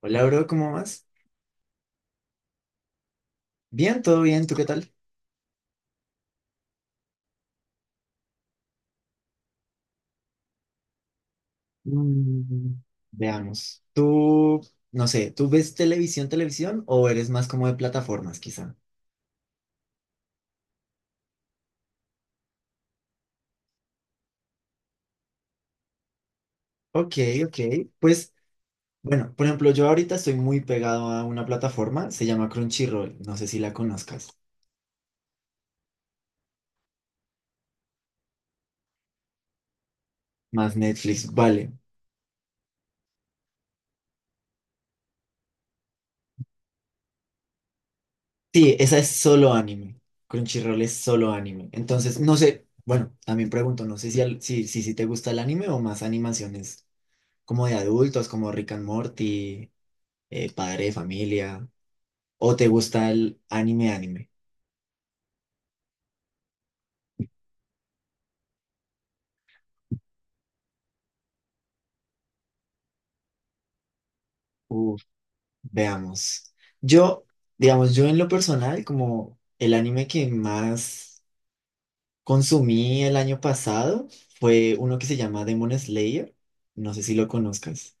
Hola, bro, ¿cómo vas? Bien, todo bien, ¿tú qué tal? Mm, Veamos. Tú, no sé, ¿tú ves televisión, televisión o eres más como de plataformas, quizá? Ok, ok. Pues, bueno, por ejemplo, yo ahorita estoy muy pegado a una plataforma, se llama Crunchyroll, no sé si la conozcas. Más Netflix, vale. Sí, esa es solo anime. Crunchyroll es solo anime. Entonces, no sé, bueno, también pregunto, no sé si, si te gusta el anime o más animaciones como de adultos, como Rick and Morty. Padre de familia, o te gusta el anime, anime. Uf, veamos. Yo, digamos, yo en lo personal, como el anime que más consumí el año pasado fue uno que se llama Demon Slayer. No sé si lo conozcas.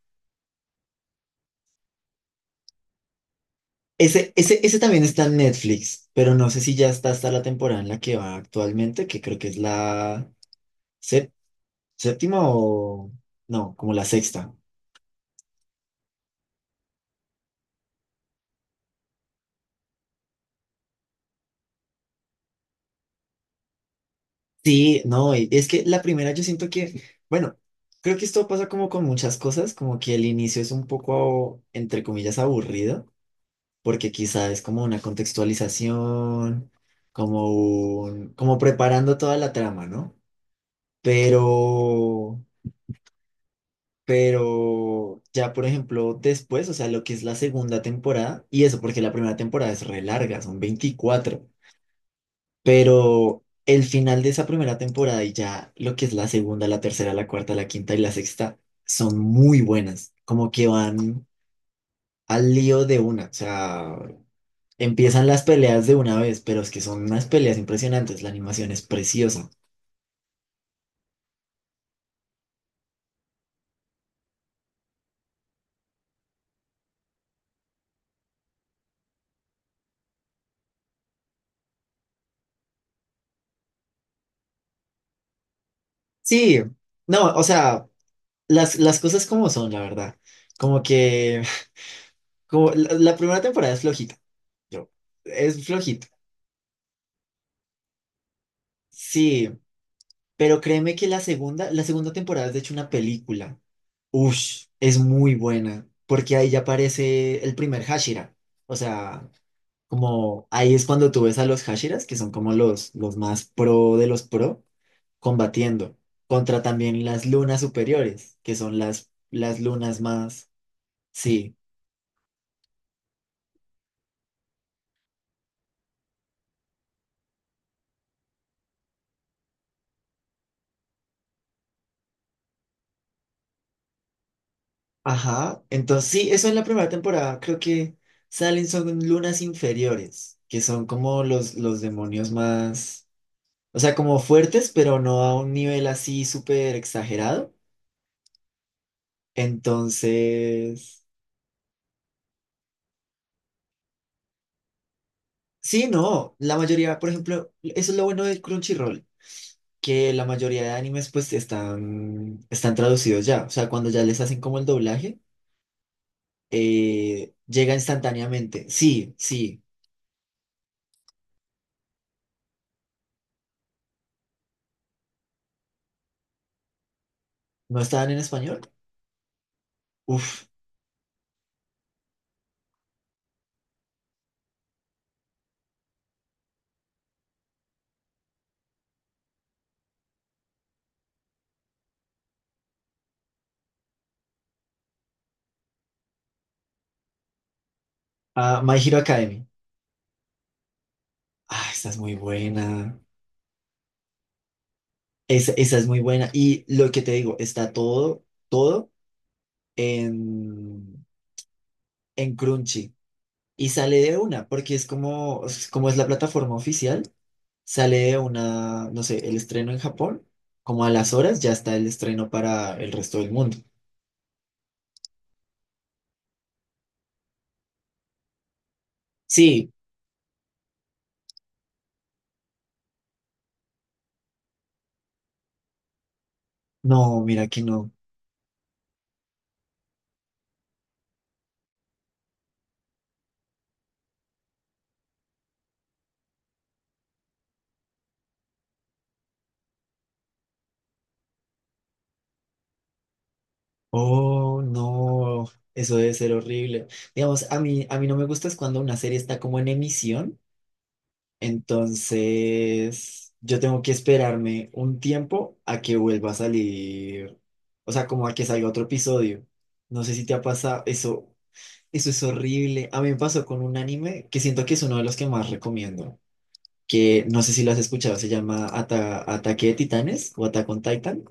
Ese también está en Netflix, pero no sé si ya está hasta la temporada en la que va actualmente, que creo que es la sé- séptima o no, como la sexta. Sí, no, y es que la primera yo siento que, bueno, creo que esto pasa como con muchas cosas, como que el inicio es un poco, entre comillas, aburrido, porque quizá es como una contextualización, como como preparando toda la trama, ¿no? Pero, pero ya, por ejemplo, después, o sea, lo que es la segunda temporada, y eso, porque la primera temporada es re larga, son 24. Pero el final de esa primera temporada y ya lo que es la segunda, la tercera, la cuarta, la quinta y la sexta son muy buenas. Como que van al lío de una. O sea, empiezan las peleas de una vez, pero es que son unas peleas impresionantes. La animación es preciosa. Sí, no, o sea, las cosas como son, la verdad. Como que como la primera temporada es flojita. Yo, es flojita. Sí, pero créeme que la segunda temporada es de hecho una película. Ush, es muy buena, porque ahí ya aparece el primer Hashira. O sea, como ahí es cuando tú ves a los Hashiras, que son como los más pro de los pro, combatiendo contra también las lunas superiores, que son las lunas más... Sí, ajá. Entonces, sí, eso en la primera temporada. Creo que salen son lunas inferiores, que son como los demonios más... O sea, como fuertes, pero no a un nivel así súper exagerado. Entonces, sí, no, la mayoría, por ejemplo, eso es lo bueno del Crunchyroll, que la mayoría de animes pues están traducidos ya, o sea, cuando ya les hacen como el doblaje, llega instantáneamente. Sí, sí, ¿no estaban en español? Uf, ah, My Hero Academy. Ah, esa es muy buena, esa es muy buena. Y lo que te digo, está todo, todo en, en Crunchy. Y sale de una, porque es como es la plataforma oficial. Sale una, no sé, el estreno en Japón, como a las horas ya está el estreno para el resto del mundo. Sí, no, mira que no. Oh, no, eso debe ser horrible. Digamos, a mí no me gusta es cuando una serie está como en emisión, entonces yo tengo que esperarme un tiempo a que vuelva a salir, o sea, como a que salga otro episodio. No sé si te ha pasado eso. Eso es horrible. A mí me pasó con un anime que siento que es uno de los que más recomiendo, que no sé si lo has escuchado, se llama Ataque de Titanes o Attack on Titan.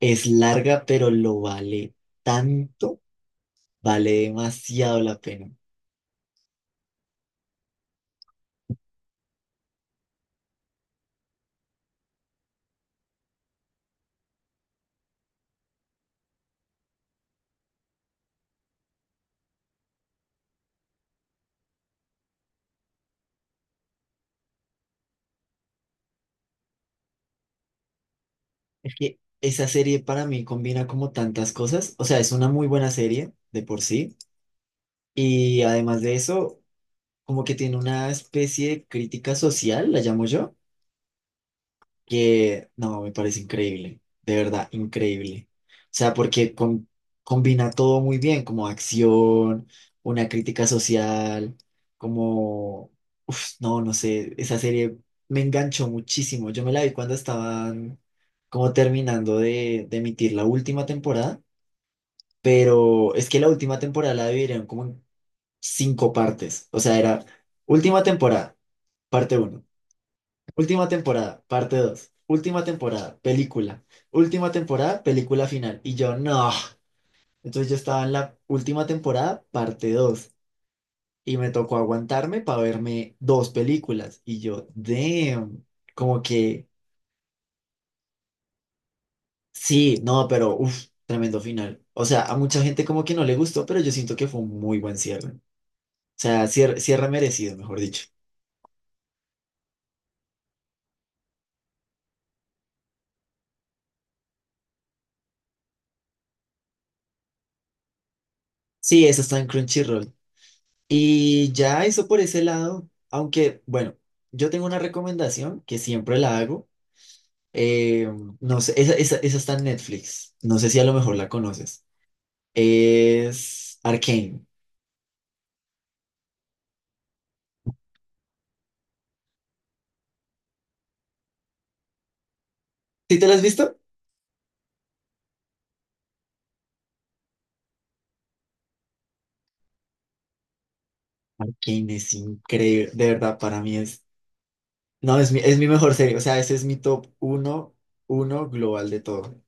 Es larga, pero lo vale tanto, vale demasiado la pena. Es que esa serie para mí combina como tantas cosas, o sea, es una muy buena serie de por sí, y además de eso, como que tiene una especie de crítica social, la llamo yo que no, me parece increíble, de verdad, increíble. O sea, porque combina todo muy bien, como acción, una crítica social, como, uf, no, no sé, esa serie me enganchó muchísimo. Yo me la vi cuando estaban como terminando de emitir la última temporada, pero es que la última temporada la dividieron como en cinco partes, o sea, era última temporada, parte uno. Última temporada, parte dos. Última temporada, película. Última temporada, película final. Y yo, no. Entonces yo estaba en la última temporada, parte dos. Y me tocó aguantarme para verme dos películas. Y yo, damn. Como que, sí, no, pero, uff, tremendo final. O sea, a mucha gente como que no le gustó, pero yo siento que fue un muy buen cierre. O sea, cierre, cierre merecido, mejor dicho. Sí, eso está en Crunchyroll. Y ya eso por ese lado, aunque bueno, yo tengo una recomendación que siempre la hago. eh, no sé, esa está en Netflix. No sé si a lo mejor la conoces. Es Arcane. ¿Sí te la has visto? Arcane es increíble, de verdad, para mí es. No, es mi mejor serie. O sea, ese es mi top uno, uno global de todo.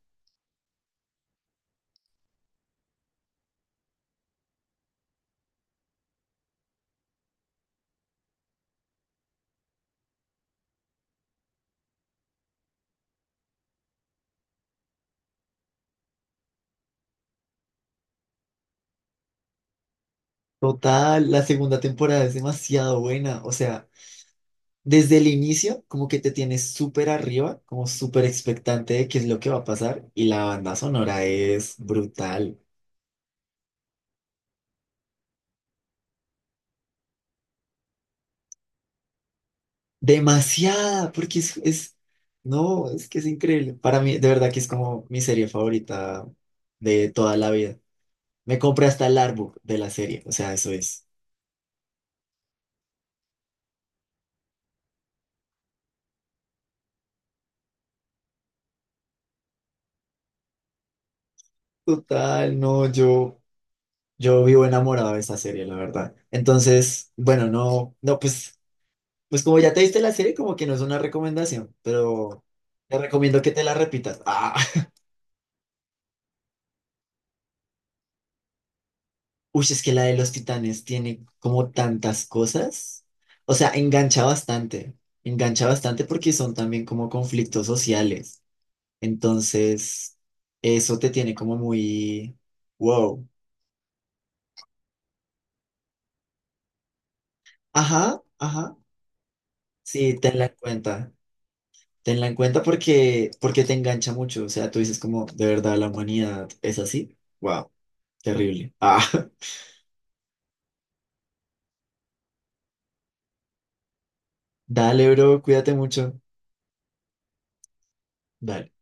Total, la segunda temporada es demasiado buena. O sea, desde el inicio, como que te tienes súper arriba, como súper expectante de qué es lo que va a pasar, y la banda sonora es brutal. Demasiada, porque es, no, es que es increíble. Para mí, de verdad que es como mi serie favorita de toda la vida. Me compré hasta el artbook de la serie, o sea, eso es. Total, no, yo, vivo enamorado de esa serie, la verdad. Entonces, bueno, no, no, pues. Pues como ya te viste la serie, como que no es una recomendación, pero te recomiendo que te la repitas. Ah, uy, es que la de los titanes tiene como tantas cosas. O sea, engancha bastante porque son también como conflictos sociales. Entonces, eso te tiene como muy, wow. Ajá, ajá. Sí, tenla en cuenta. Tenla en cuenta porque te engancha mucho. O sea, tú dices como, de verdad, la humanidad es así. Wow, terrible. Ah. Dale, bro, cuídate mucho. Dale.